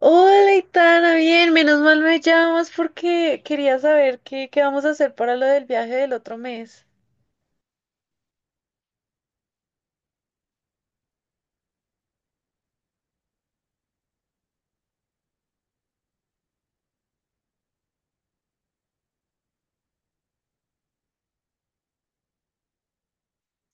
Hola, Itana, bien, menos mal me llamas porque quería saber qué vamos a hacer para lo del viaje del otro mes.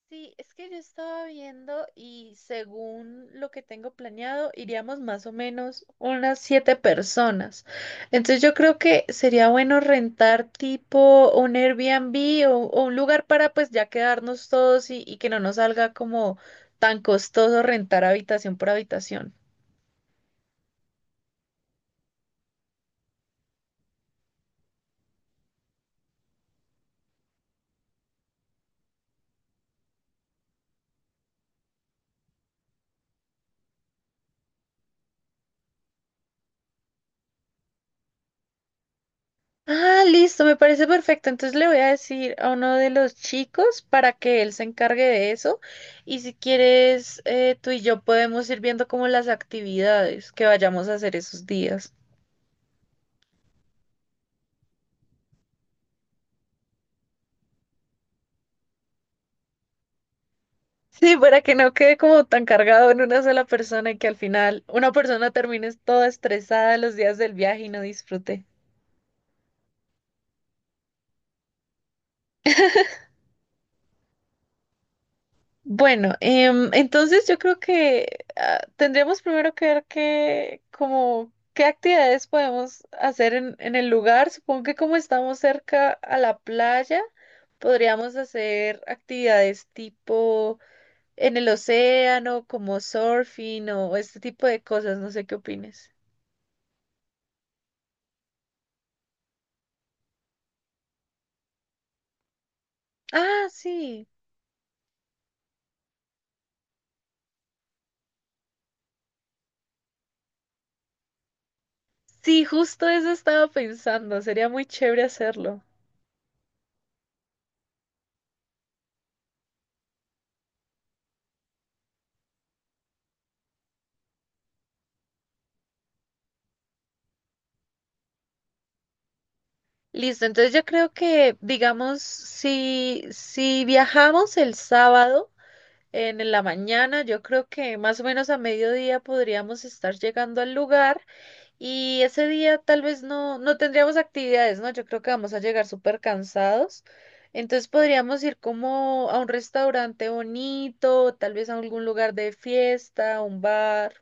Sí, es que yo estaba viendo y según lo que tengo planeado, iríamos más o menos unas 7 personas. Entonces yo creo que sería bueno rentar tipo un Airbnb o un lugar para pues ya quedarnos todos y que no nos salga como tan costoso rentar habitación por habitación. Ah, listo, me parece perfecto. Entonces le voy a decir a uno de los chicos para que él se encargue de eso. Y si quieres, tú y yo podemos ir viendo como las actividades que vayamos a hacer esos días. Sí, para que no quede como tan cargado en una sola persona y que al final una persona termine toda estresada los días del viaje y no disfrute. Bueno, entonces yo creo que tendríamos primero que ver qué, como, qué actividades podemos hacer en el lugar. Supongo que como estamos cerca a la playa, podríamos hacer actividades tipo en el océano, como surfing o este tipo de cosas. No sé qué opines. Ah, sí. Sí, justo eso estaba pensando. Sería muy chévere hacerlo. Listo, entonces yo creo que, digamos, si viajamos el sábado en la mañana, yo creo que más o menos a mediodía podríamos estar llegando al lugar y ese día tal vez no tendríamos actividades, ¿no? Yo creo que vamos a llegar súper cansados. Entonces podríamos ir como a un restaurante bonito, tal vez a algún lugar de fiesta, un bar.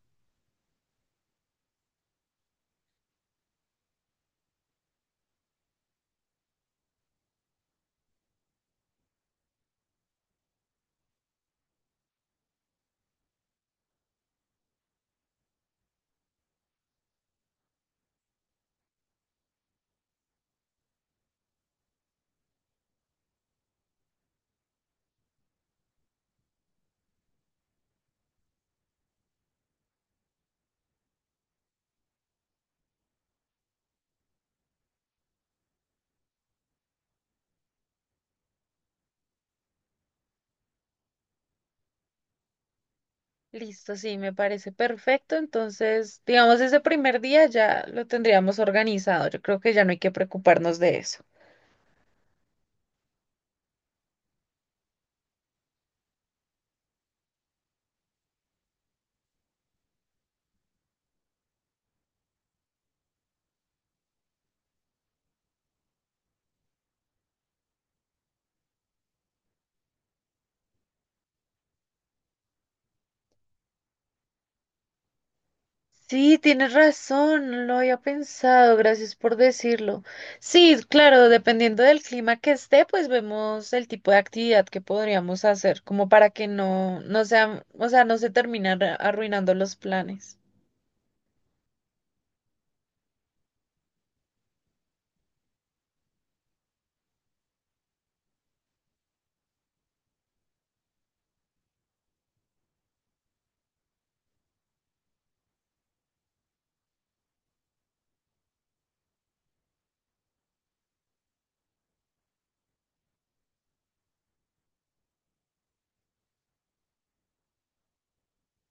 Listo, sí, me parece perfecto. Entonces, digamos, ese primer día ya lo tendríamos organizado. Yo creo que ya no hay que preocuparnos de eso. Sí, tienes razón, no lo había pensado, gracias por decirlo. Sí, claro, dependiendo del clima que esté, pues vemos el tipo de actividad que podríamos hacer, como para que no sea, o sea, no se terminan arruinando los planes.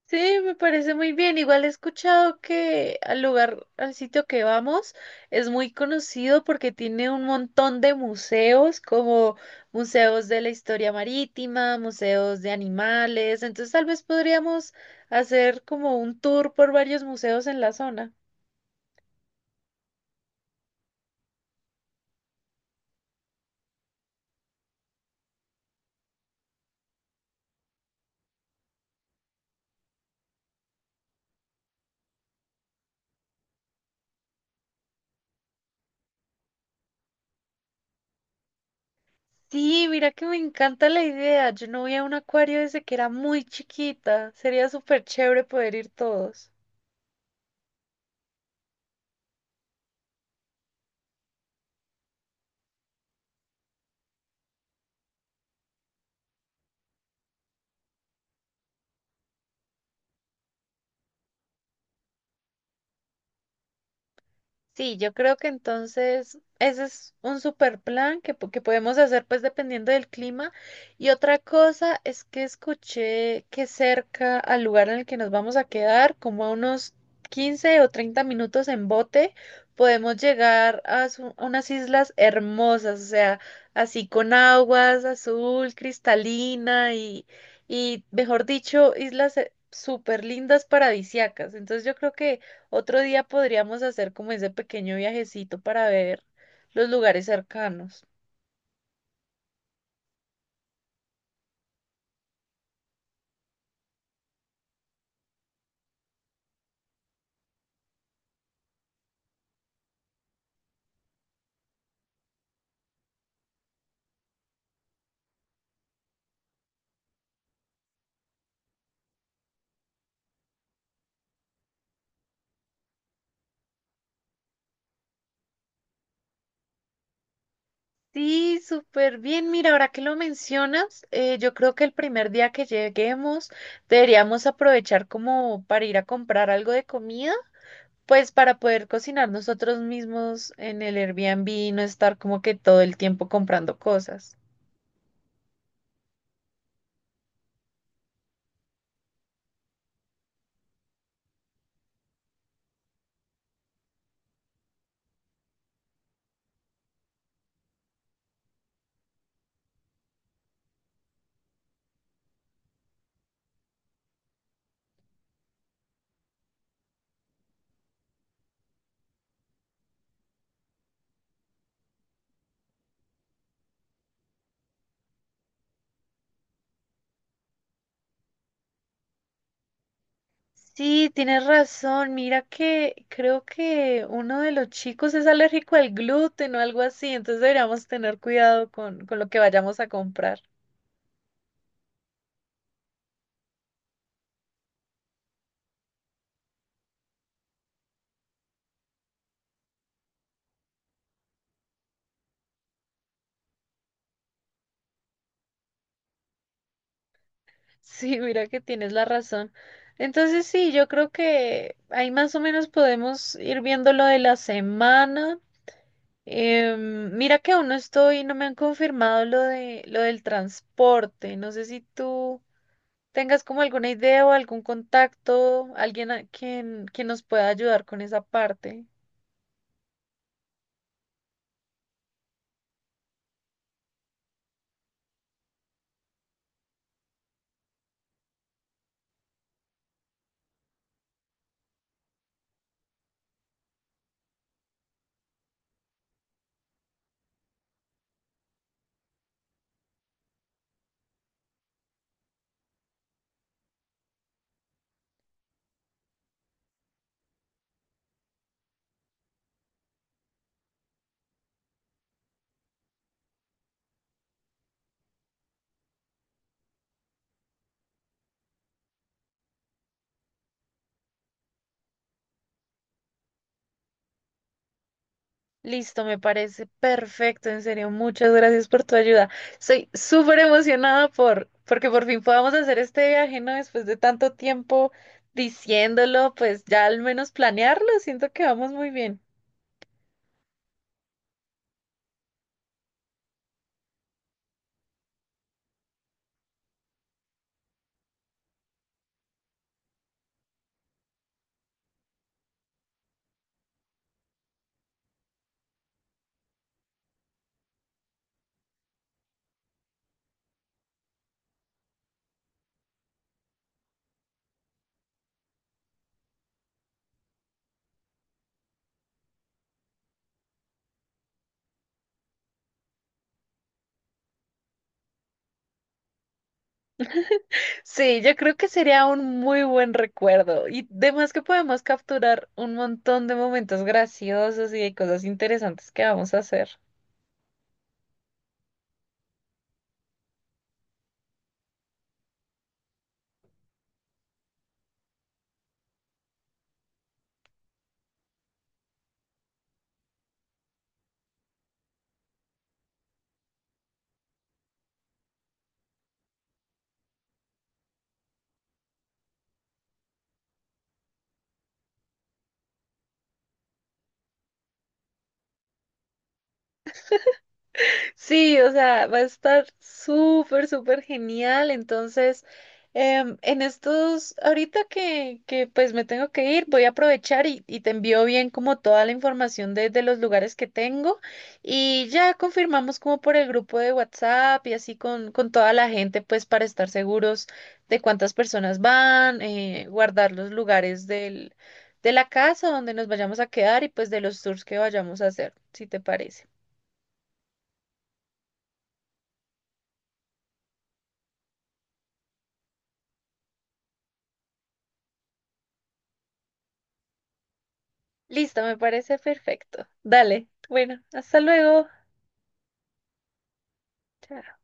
Sí, me parece muy bien. Igual he escuchado que al lugar, al sitio que vamos, es muy conocido porque tiene un montón de museos, como museos de la historia marítima, museos de animales. Entonces, tal vez podríamos hacer como un tour por varios museos en la zona. Sí, mira que me encanta la idea. Yo no voy a un acuario desde que era muy chiquita. Sería súper chévere poder ir todos. Sí, yo creo que entonces ese es un super plan que podemos hacer pues dependiendo del clima. Y otra cosa es que escuché que cerca al lugar en el que nos vamos a quedar, como a unos 15 o 30 minutos en bote, podemos llegar a unas islas hermosas, o sea, así con aguas azul, cristalina y mejor dicho, islas súper lindas paradisiacas. Entonces yo creo que... Otro día podríamos hacer como ese pequeño viajecito para ver los lugares cercanos. Sí, súper bien. Mira, ahora que lo mencionas, yo creo que el primer día que lleguemos deberíamos aprovechar como para ir a comprar algo de comida, pues para poder cocinar nosotros mismos en el Airbnb y no estar como que todo el tiempo comprando cosas. Sí, tienes razón. Mira que creo que uno de los chicos es alérgico al gluten o algo así, entonces deberíamos tener cuidado con lo que vayamos a comprar. Sí, mira que tienes la razón. Entonces sí, yo creo que ahí más o menos podemos ir viendo lo de la semana. Mira que aún no estoy, no me han confirmado lo de lo del transporte. No sé si tú tengas como alguna idea o algún contacto, alguien a quien nos pueda ayudar con esa parte. Listo, me parece perfecto, en serio, muchas gracias por tu ayuda. Soy súper emocionada porque por fin podamos hacer este viaje, ¿no? Después de tanto tiempo diciéndolo, pues ya al menos planearlo, siento que vamos muy bien. Sí, yo creo que sería un muy buen recuerdo y además que podemos capturar un montón de momentos graciosos y de cosas interesantes que vamos a hacer. Sí, o sea, va a estar súper genial. Entonces, en estos, ahorita que pues me tengo que ir, voy a aprovechar y te envío bien como toda la información de los lugares que tengo y ya confirmamos como por el grupo de WhatsApp y así con toda la gente, pues para estar seguros de cuántas personas van, guardar los lugares de la casa donde nos vayamos a quedar y pues de los tours que vayamos a hacer, si te parece. Listo, me parece perfecto. Dale. Bueno, hasta luego. Chao.